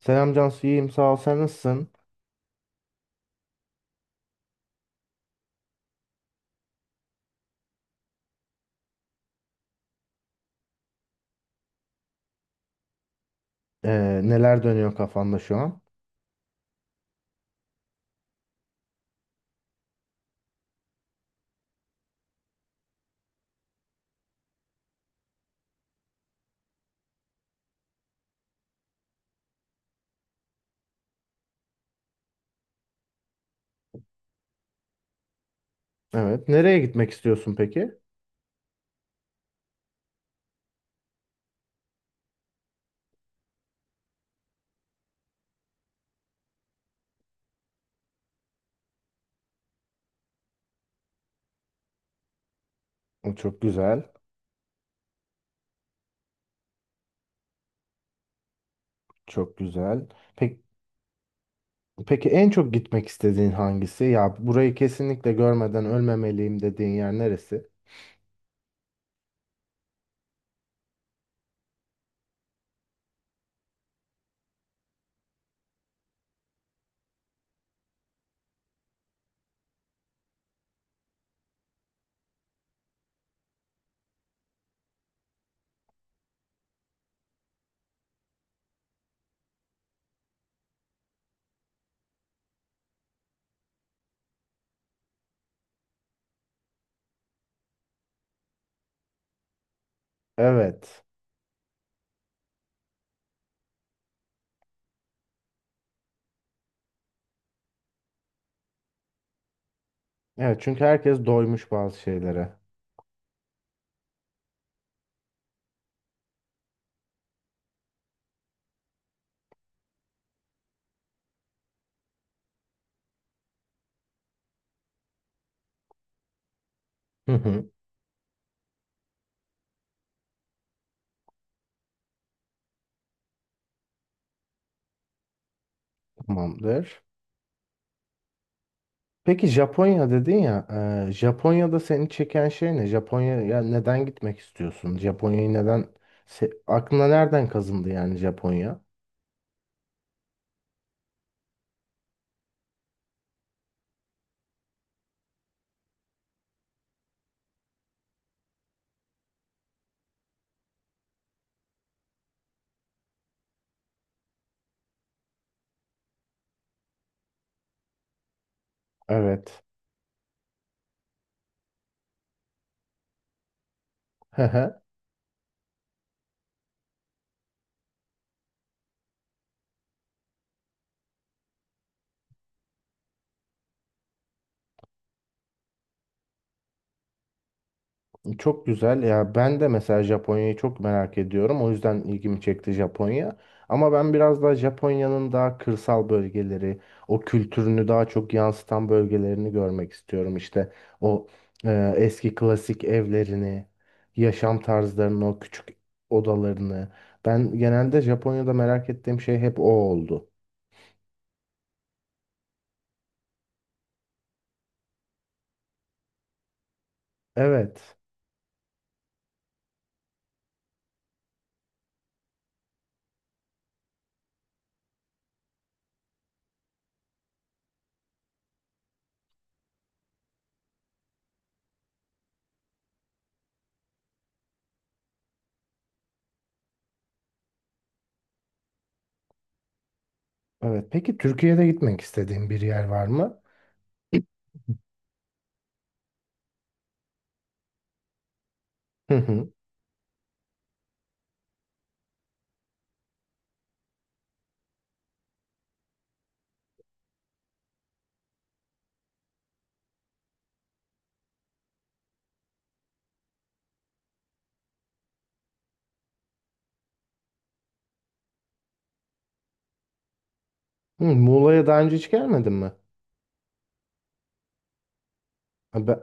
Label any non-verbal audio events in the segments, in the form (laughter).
Selam Cansu, iyiyim sağ ol. Sen nasılsın? Neler dönüyor kafanda şu an? Evet. Nereye gitmek istiyorsun peki? O çok güzel. Çok güzel. Peki, peki, en çok gitmek istediğin hangisi? Ya burayı kesinlikle görmeden ölmemeliyim dediğin yer neresi? Evet. Evet, çünkü herkes doymuş bazı şeylere. Hı hı. Tamamdır. Peki Japonya dedin ya. Japonya'da seni çeken şey ne? Japonya'ya neden gitmek istiyorsun? Japonya'yı neden... Aklına nereden kazındı yani Japonya? Evet. Hı hı. Çok güzel ya, ben de mesela Japonya'yı çok merak ediyorum, o yüzden ilgimi çekti Japonya, ama ben biraz daha Japonya'nın daha kırsal bölgeleri, o kültürünü daha çok yansıtan bölgelerini görmek istiyorum. İşte o eski klasik evlerini, yaşam tarzlarını, o küçük odalarını, ben genelde Japonya'da merak ettiğim şey hep o oldu. Evet. Evet. Peki Türkiye'de gitmek istediğin bir yer var mı? (clears throat) Hı hı. Hı, Muğla'ya daha önce hiç gelmedin mi? Ha,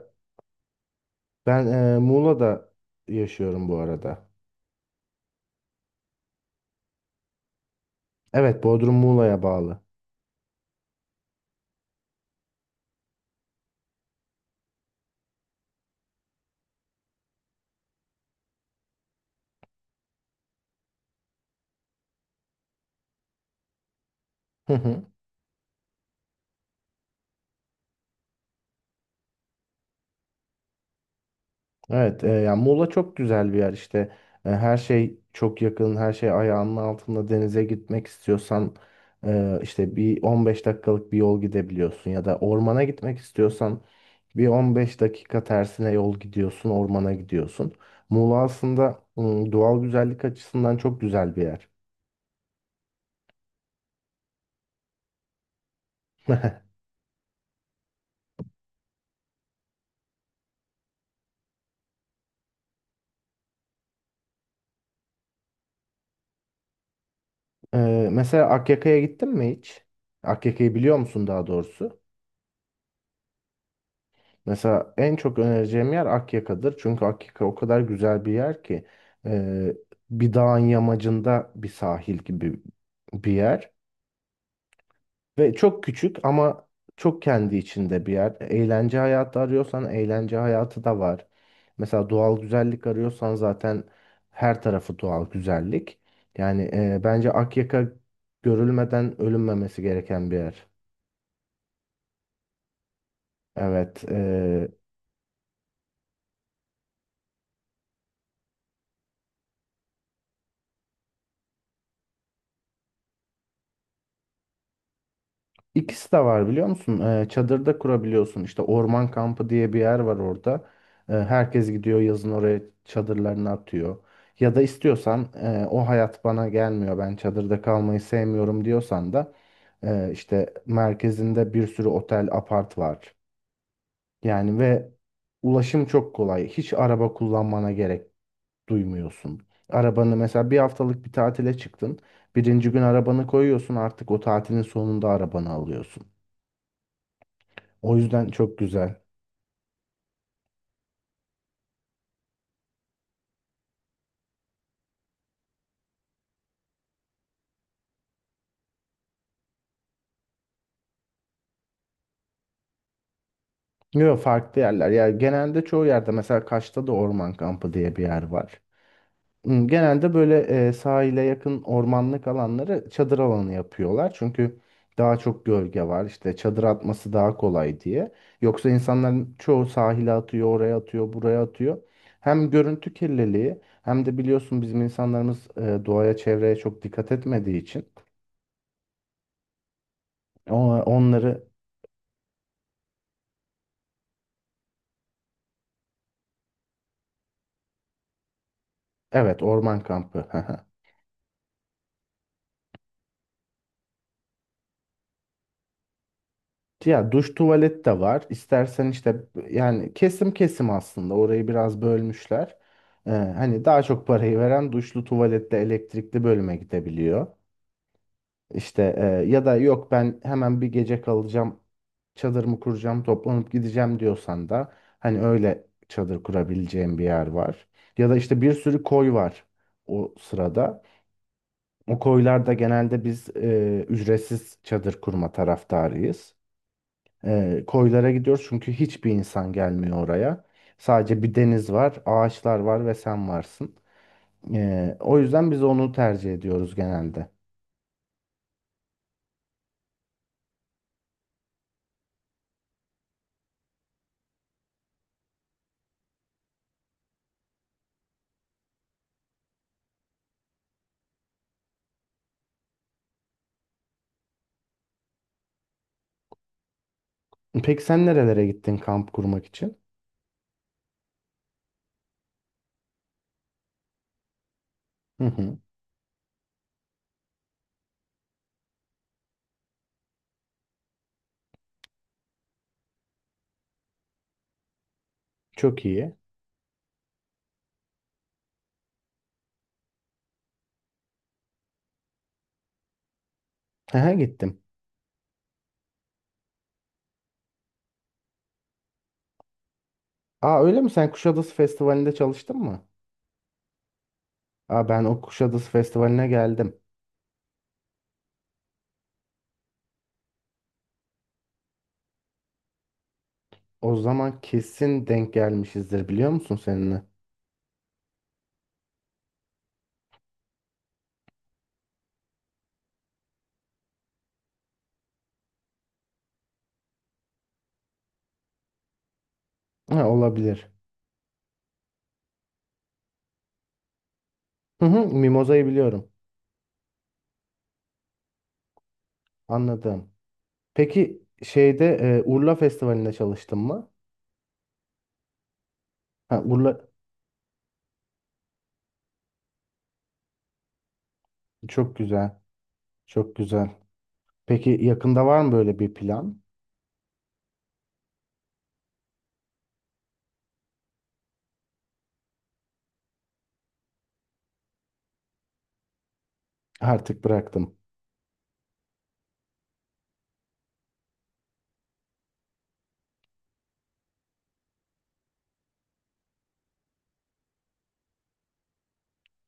ben Muğla'da yaşıyorum bu arada. Evet, Bodrum Muğla'ya bağlı. Hı hı. Evet, yani Muğla çok güzel bir yer işte. E, her şey çok yakın, her şey ayağının altında. Denize gitmek istiyorsan işte bir 15 dakikalık bir yol gidebiliyorsun, ya da ormana gitmek istiyorsan bir 15 dakika tersine yol gidiyorsun, ormana gidiyorsun. Muğla aslında doğal güzellik açısından çok güzel bir yer. (laughs) Mesela Akyaka'ya gittin mi hiç? Akyaka'yı biliyor musun daha doğrusu? Mesela en çok önereceğim yer Akyaka'dır. Çünkü Akyaka o kadar güzel bir yer ki, e, bir dağın yamacında bir sahil gibi bir yer. Ve çok küçük ama çok kendi içinde bir yer. Eğlence hayatı arıyorsan eğlence hayatı da var. Mesela doğal güzellik arıyorsan zaten her tarafı doğal güzellik. Yani bence Akyaka görülmeden ölünmemesi gereken bir yer. Evet. İkisi de var biliyor musun? Çadırda kurabiliyorsun. İşte orman kampı diye bir yer var orada. Herkes gidiyor yazın, oraya çadırlarını atıyor. Ya da istiyorsan o hayat bana gelmiyor, ben çadırda kalmayı sevmiyorum diyorsan da işte merkezinde bir sürü otel, apart var. Yani ve ulaşım çok kolay. Hiç araba kullanmana gerek duymuyorsun. Arabanı mesela bir haftalık bir tatile çıktın. Birinci gün arabanı koyuyorsun, artık o tatilin sonunda arabanı alıyorsun. O yüzden çok güzel. Yok, farklı yerler. Ya genelde çoğu yerde, mesela Kaş'ta da orman kampı diye bir yer var. Hmm, genelde böyle sahile yakın ormanlık alanları çadır alanı yapıyorlar. Çünkü daha çok gölge var, İşte çadır atması daha kolay diye. Yoksa insanların çoğu sahile atıyor, oraya atıyor, buraya atıyor. Hem görüntü kirliliği hem de biliyorsun bizim insanlarımız doğaya, çevreye çok dikkat etmediği için onları, evet, orman kampı. (laughs) Ya duş tuvalet de var. İstersen işte, yani kesim kesim aslında orayı biraz bölmüşler. Hani daha çok parayı veren duşlu tuvalette elektrikli bölüme gidebiliyor. İşte ya da yok, ben hemen bir gece kalacağım, çadırımı kuracağım, toplanıp gideceğim diyorsan da hani öyle çadır kurabileceğim bir yer var. Ya da işte bir sürü koy var o sırada. O koylarda genelde biz ücretsiz çadır kurma taraftarıyız. E, koylara gidiyoruz çünkü hiçbir insan gelmiyor oraya. Sadece bir deniz var, ağaçlar var ve sen varsın. E, o yüzden biz onu tercih ediyoruz genelde. Peki sen nerelere gittin kamp kurmak için? Hı hı, çok iyi. Aha, gittim. Aa, öyle mi? Sen Kuşadası Festivali'nde çalıştın mı? Aa, ben o Kuşadası Festivali'ne geldim. O zaman kesin denk gelmişizdir, biliyor musun seninle? Ha, olabilir. Hı hı, Mimoza'yı biliyorum. Anladım. Peki şeyde Urla Festivali'nde çalıştın mı? Ha, Urla çok güzel. Çok güzel. Peki yakında var mı böyle bir plan? Artık bıraktım.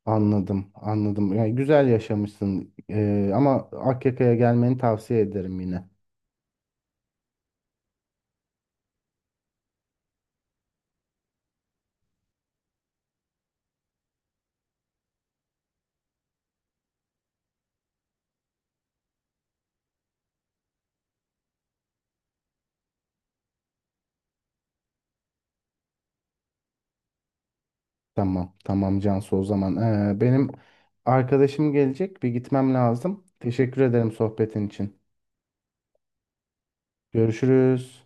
Anladım, anladım. Yani güzel yaşamışsın. E, ama Akyaka'ya gelmeni tavsiye ederim yine. Tamam, tamam Cansu, o zaman. E, benim arkadaşım gelecek, bir gitmem lazım. Teşekkür ederim sohbetin için. Görüşürüz.